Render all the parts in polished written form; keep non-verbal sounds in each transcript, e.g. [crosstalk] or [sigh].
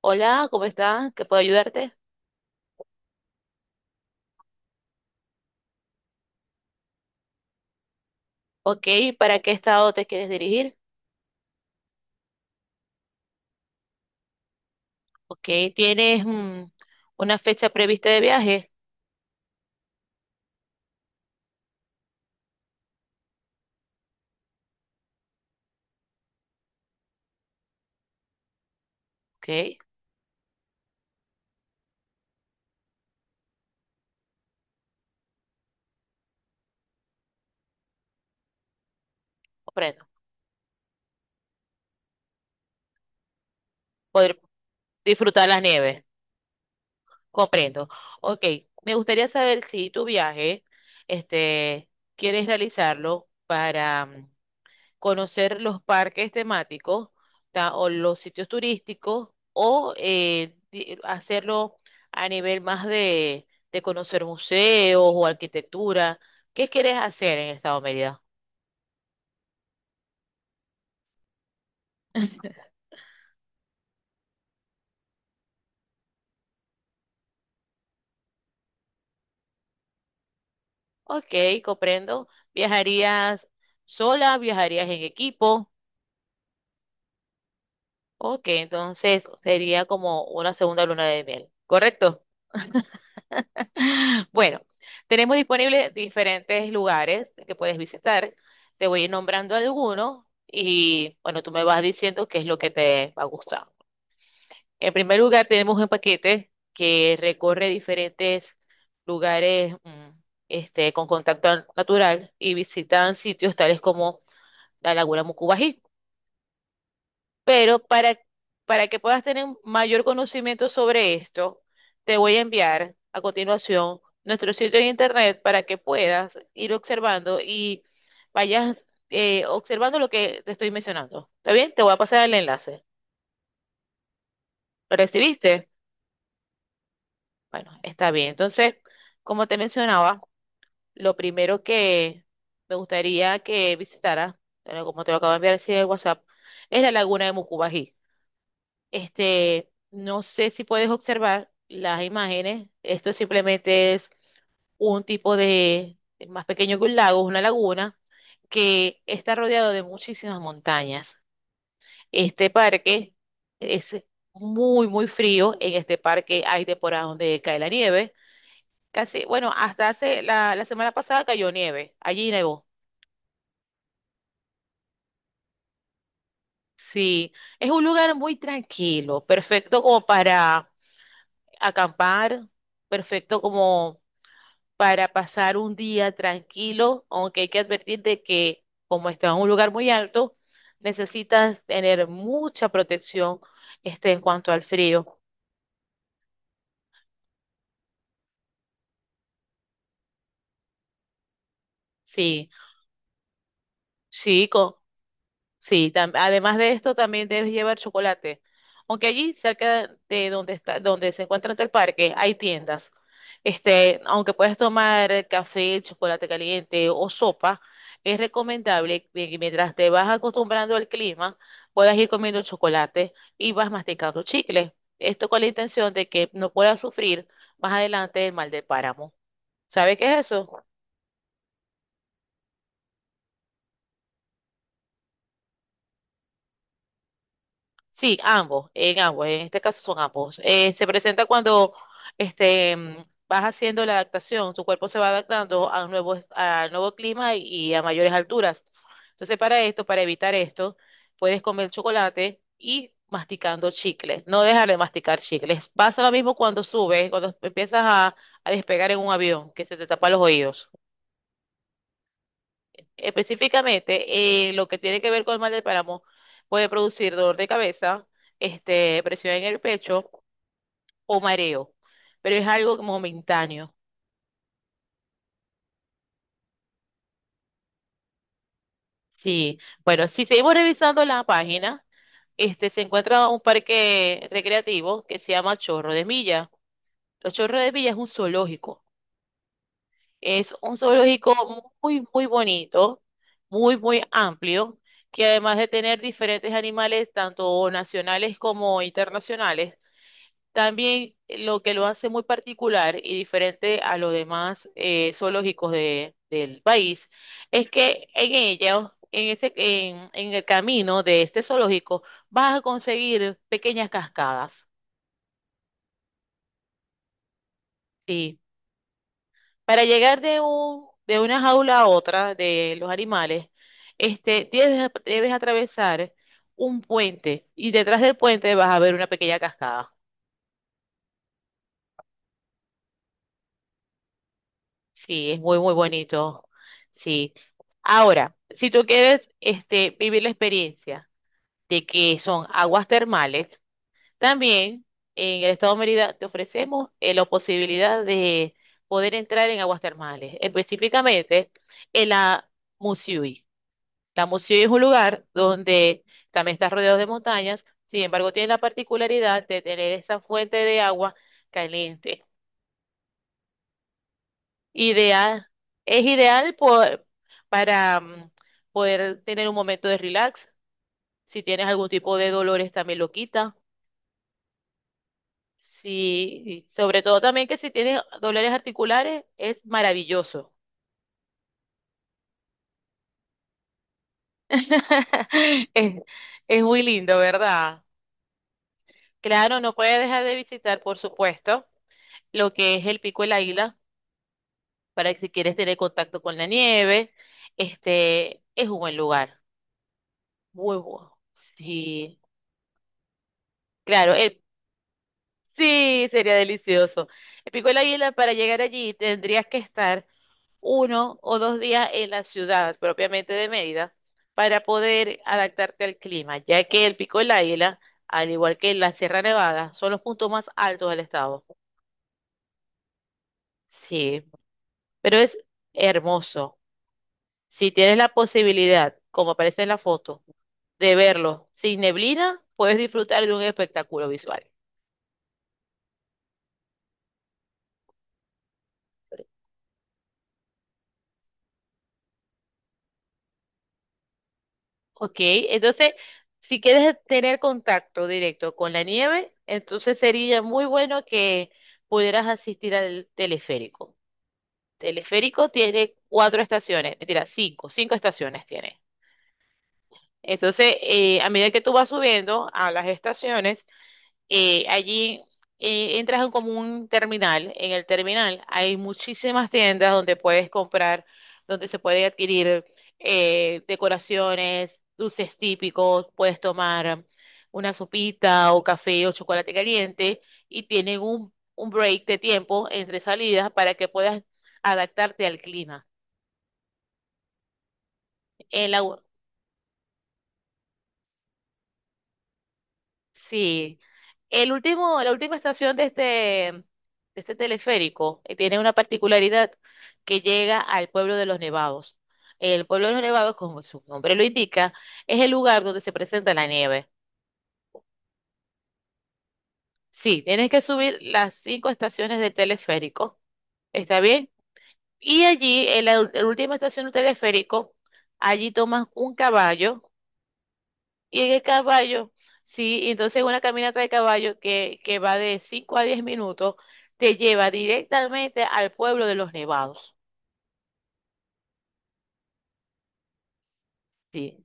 Hola, ¿cómo estás? ¿Qué puedo ayudarte? Ok, ¿para qué estado te quieres dirigir? Ok, ¿tienes una fecha prevista de viaje? Ok, comprendo. Poder disfrutar las nieves, comprendo. Ok, me gustaría saber si tu viaje, este, quieres realizarlo para conocer los parques temáticos o los sitios turísticos o hacerlo a nivel más de conocer museos o arquitectura. ¿Qué quieres hacer en Estado Mérida? Ok, comprendo. ¿Viajarías sola? ¿Viajarías en equipo? Ok, entonces sería como una segunda luna de miel, ¿correcto? [laughs] Bueno, tenemos disponibles diferentes lugares que puedes visitar. Te voy a ir nombrando algunos y bueno, tú me vas diciendo qué es lo que te va a gustar. En primer lugar, tenemos un paquete que recorre diferentes lugares con contacto natural y visitan sitios tales como la Laguna Mucubají. Pero para que puedas tener un mayor conocimiento sobre esto, te voy a enviar a continuación nuestro sitio de internet para que puedas ir observando y vayas observando lo que te estoy mencionando. ¿Está bien? Te voy a pasar el enlace. ¿Lo recibiste? Bueno, está bien. Entonces, como te mencionaba, lo primero que me gustaría que visitaras, bueno, como te lo acabo de enviar así en el WhatsApp, es la laguna de Mucubají. No sé si puedes observar las imágenes. Esto simplemente es un tipo de, más pequeño que un lago, es una laguna que está rodeado de muchísimas montañas. Este parque es muy, muy frío. En este parque hay temporadas donde cae la nieve. Casi, bueno, hasta hace la semana pasada cayó nieve. Allí nevó. Sí, es un lugar muy tranquilo, perfecto como para acampar, perfecto como para pasar un día tranquilo, aunque hay que advertir de que como está en un lugar muy alto, necesitas tener mucha protección en cuanto al frío. Sí, sí, sí, además de esto también debes llevar chocolate. Aunque allí cerca de donde está, donde se encuentra el parque, hay tiendas. Aunque puedes tomar café, chocolate caliente o sopa, es recomendable que mientras te vas acostumbrando al clima, puedas ir comiendo chocolate y vas masticando chicle. Esto con la intención de que no puedas sufrir más adelante el mal del páramo. ¿Sabes qué es eso? Sí, ambos, en ambos, en este caso son ambos. Se presenta cuando este, mm, vas haciendo la adaptación, tu cuerpo se va adaptando a nuevo clima y a mayores alturas. Entonces, para esto, para evitar esto, puedes comer chocolate y masticando chicle. No dejar de masticar chicles. Pasa lo mismo cuando subes, cuando empiezas a despegar en un avión, que se te tapa los oídos. Específicamente, lo que tiene que ver con el mal del páramo puede producir dolor de cabeza, presión en el pecho o mareo, pero es algo momentáneo. Sí, bueno, si seguimos revisando la página, se encuentra un parque recreativo que se llama Chorro de Milla. Los Chorros de Milla es un zoológico. Es un zoológico muy, muy bonito, muy, muy amplio, que además de tener diferentes animales, tanto nacionales como internacionales, también lo que lo hace muy particular y diferente a los demás zoológicos del país es que en ellos, en ese, en el camino de este zoológico, vas a conseguir pequeñas cascadas. Sí. Para llegar de una jaula a otra de los animales, debes atravesar un puente y detrás del puente vas a ver una pequeña cascada. Sí, es muy, muy bonito. Sí. Ahora, si tú quieres vivir la experiencia de que son aguas termales, también en el estado de Mérida te ofrecemos la posibilidad de poder entrar en aguas termales, específicamente en la Muciui. La Muciui es un lugar donde también está rodeado de montañas, sin embargo, tiene la particularidad de tener esa fuente de agua caliente. Ideal, es ideal para poder tener un momento de relax. Si tienes algún tipo de dolores, también lo quita. Sí, y sobre todo también que si tienes dolores articulares, es maravilloso. [laughs] Es, es muy lindo, ¿verdad? Claro, no puedes dejar de visitar, por supuesto, lo que es el Pico del Águila, para que si quieres tener contacto con la nieve, este es un buen lugar. Muy bueno. Sí. Claro, el sí, sería delicioso. El Pico del Águila, para llegar allí, tendrías que estar 1 o 2 días en la ciudad propiamente de Mérida para poder adaptarte al clima, ya que el Pico del Águila, al igual que la Sierra Nevada, son los puntos más altos del estado. Sí, pero es hermoso. Si tienes la posibilidad, como aparece en la foto, de verlo sin neblina, puedes disfrutar de un espectáculo visual. Ok, entonces, si quieres tener contacto directo con la nieve, entonces sería muy bueno que pudieras asistir al teleférico. Teleférico tiene cuatro estaciones, mentira, cinco estaciones tiene. Entonces, a medida que tú vas subiendo a las estaciones, allí entras en como un terminal. En el terminal hay muchísimas tiendas donde puedes comprar, donde se puede adquirir decoraciones, dulces típicos, puedes tomar una sopita o café o chocolate caliente y tienen un break de tiempo entre salidas para que puedas adaptarte al clima. En la, Sí. La última estación de este, teleférico tiene una particularidad que llega al pueblo de los Nevados. El pueblo de los Nevados, como su nombre lo indica, es el lugar donde se presenta la nieve. Sí, tienes que subir las cinco estaciones del teleférico. ¿Está bien? Y allí, en la, la última estación del teleférico, allí toman un caballo. Y en el caballo, sí, y entonces una caminata de caballo que va de 5 a 10 minutos te lleva directamente al pueblo de los Nevados. Sí,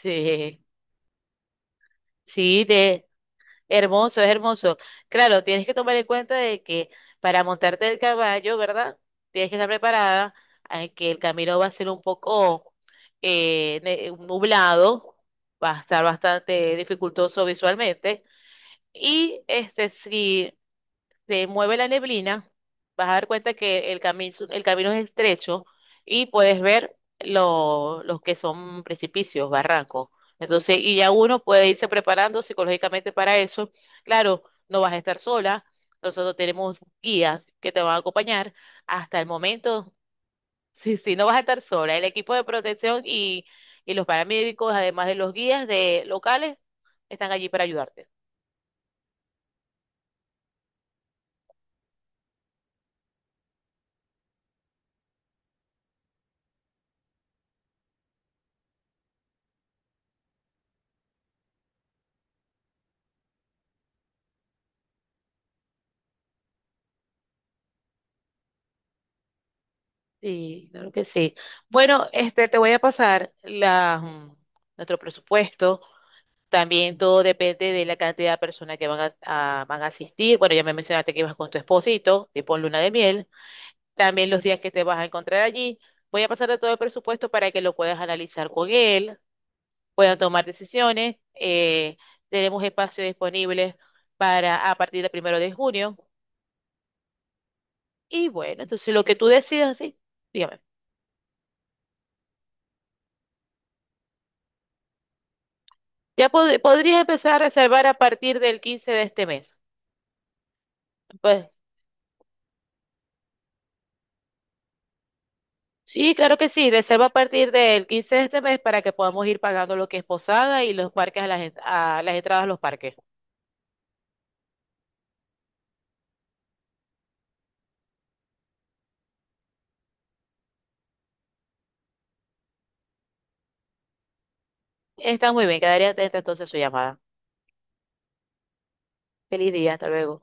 sí, sí, de, hermoso, es hermoso. Claro, tienes que tomar en cuenta de que para montarte el caballo, ¿verdad? Tienes que estar preparada, a que el camino va a ser un poco nublado, va a estar bastante dificultoso visualmente. Y este sí. Se mueve la neblina, vas a dar cuenta que el camino es estrecho y puedes ver los que son precipicios, barrancos. Entonces, y ya uno puede irse preparando psicológicamente para eso. Claro, no vas a estar sola. Nosotros tenemos guías que te van a acompañar hasta el momento. [laughs] Sí, sí, no vas a estar sola. El equipo de protección y los paramédicos, además de los guías de locales, están allí para ayudarte. Sí, claro que sí. Bueno, este, te voy a pasar nuestro presupuesto. También todo depende de la cantidad de personas que van a asistir. Bueno, ya me mencionaste que ibas con tu esposito, tipo luna de miel. También los días que te vas a encontrar allí. Voy a pasarte todo el presupuesto para que lo puedas analizar con él, puedan tomar decisiones. Tenemos espacio disponible para a partir del 1 de junio. Y bueno, entonces lo que tú decidas, sí, dígame. Ya podrías empezar a reservar a partir del 15 de este mes. Pues sí, claro que sí, reserva a partir del 15 de este mes para que podamos ir pagando lo que es posada y los parques a las entradas a los parques. Está muy bien, quedaría atenta entonces a su llamada. Feliz día, hasta luego.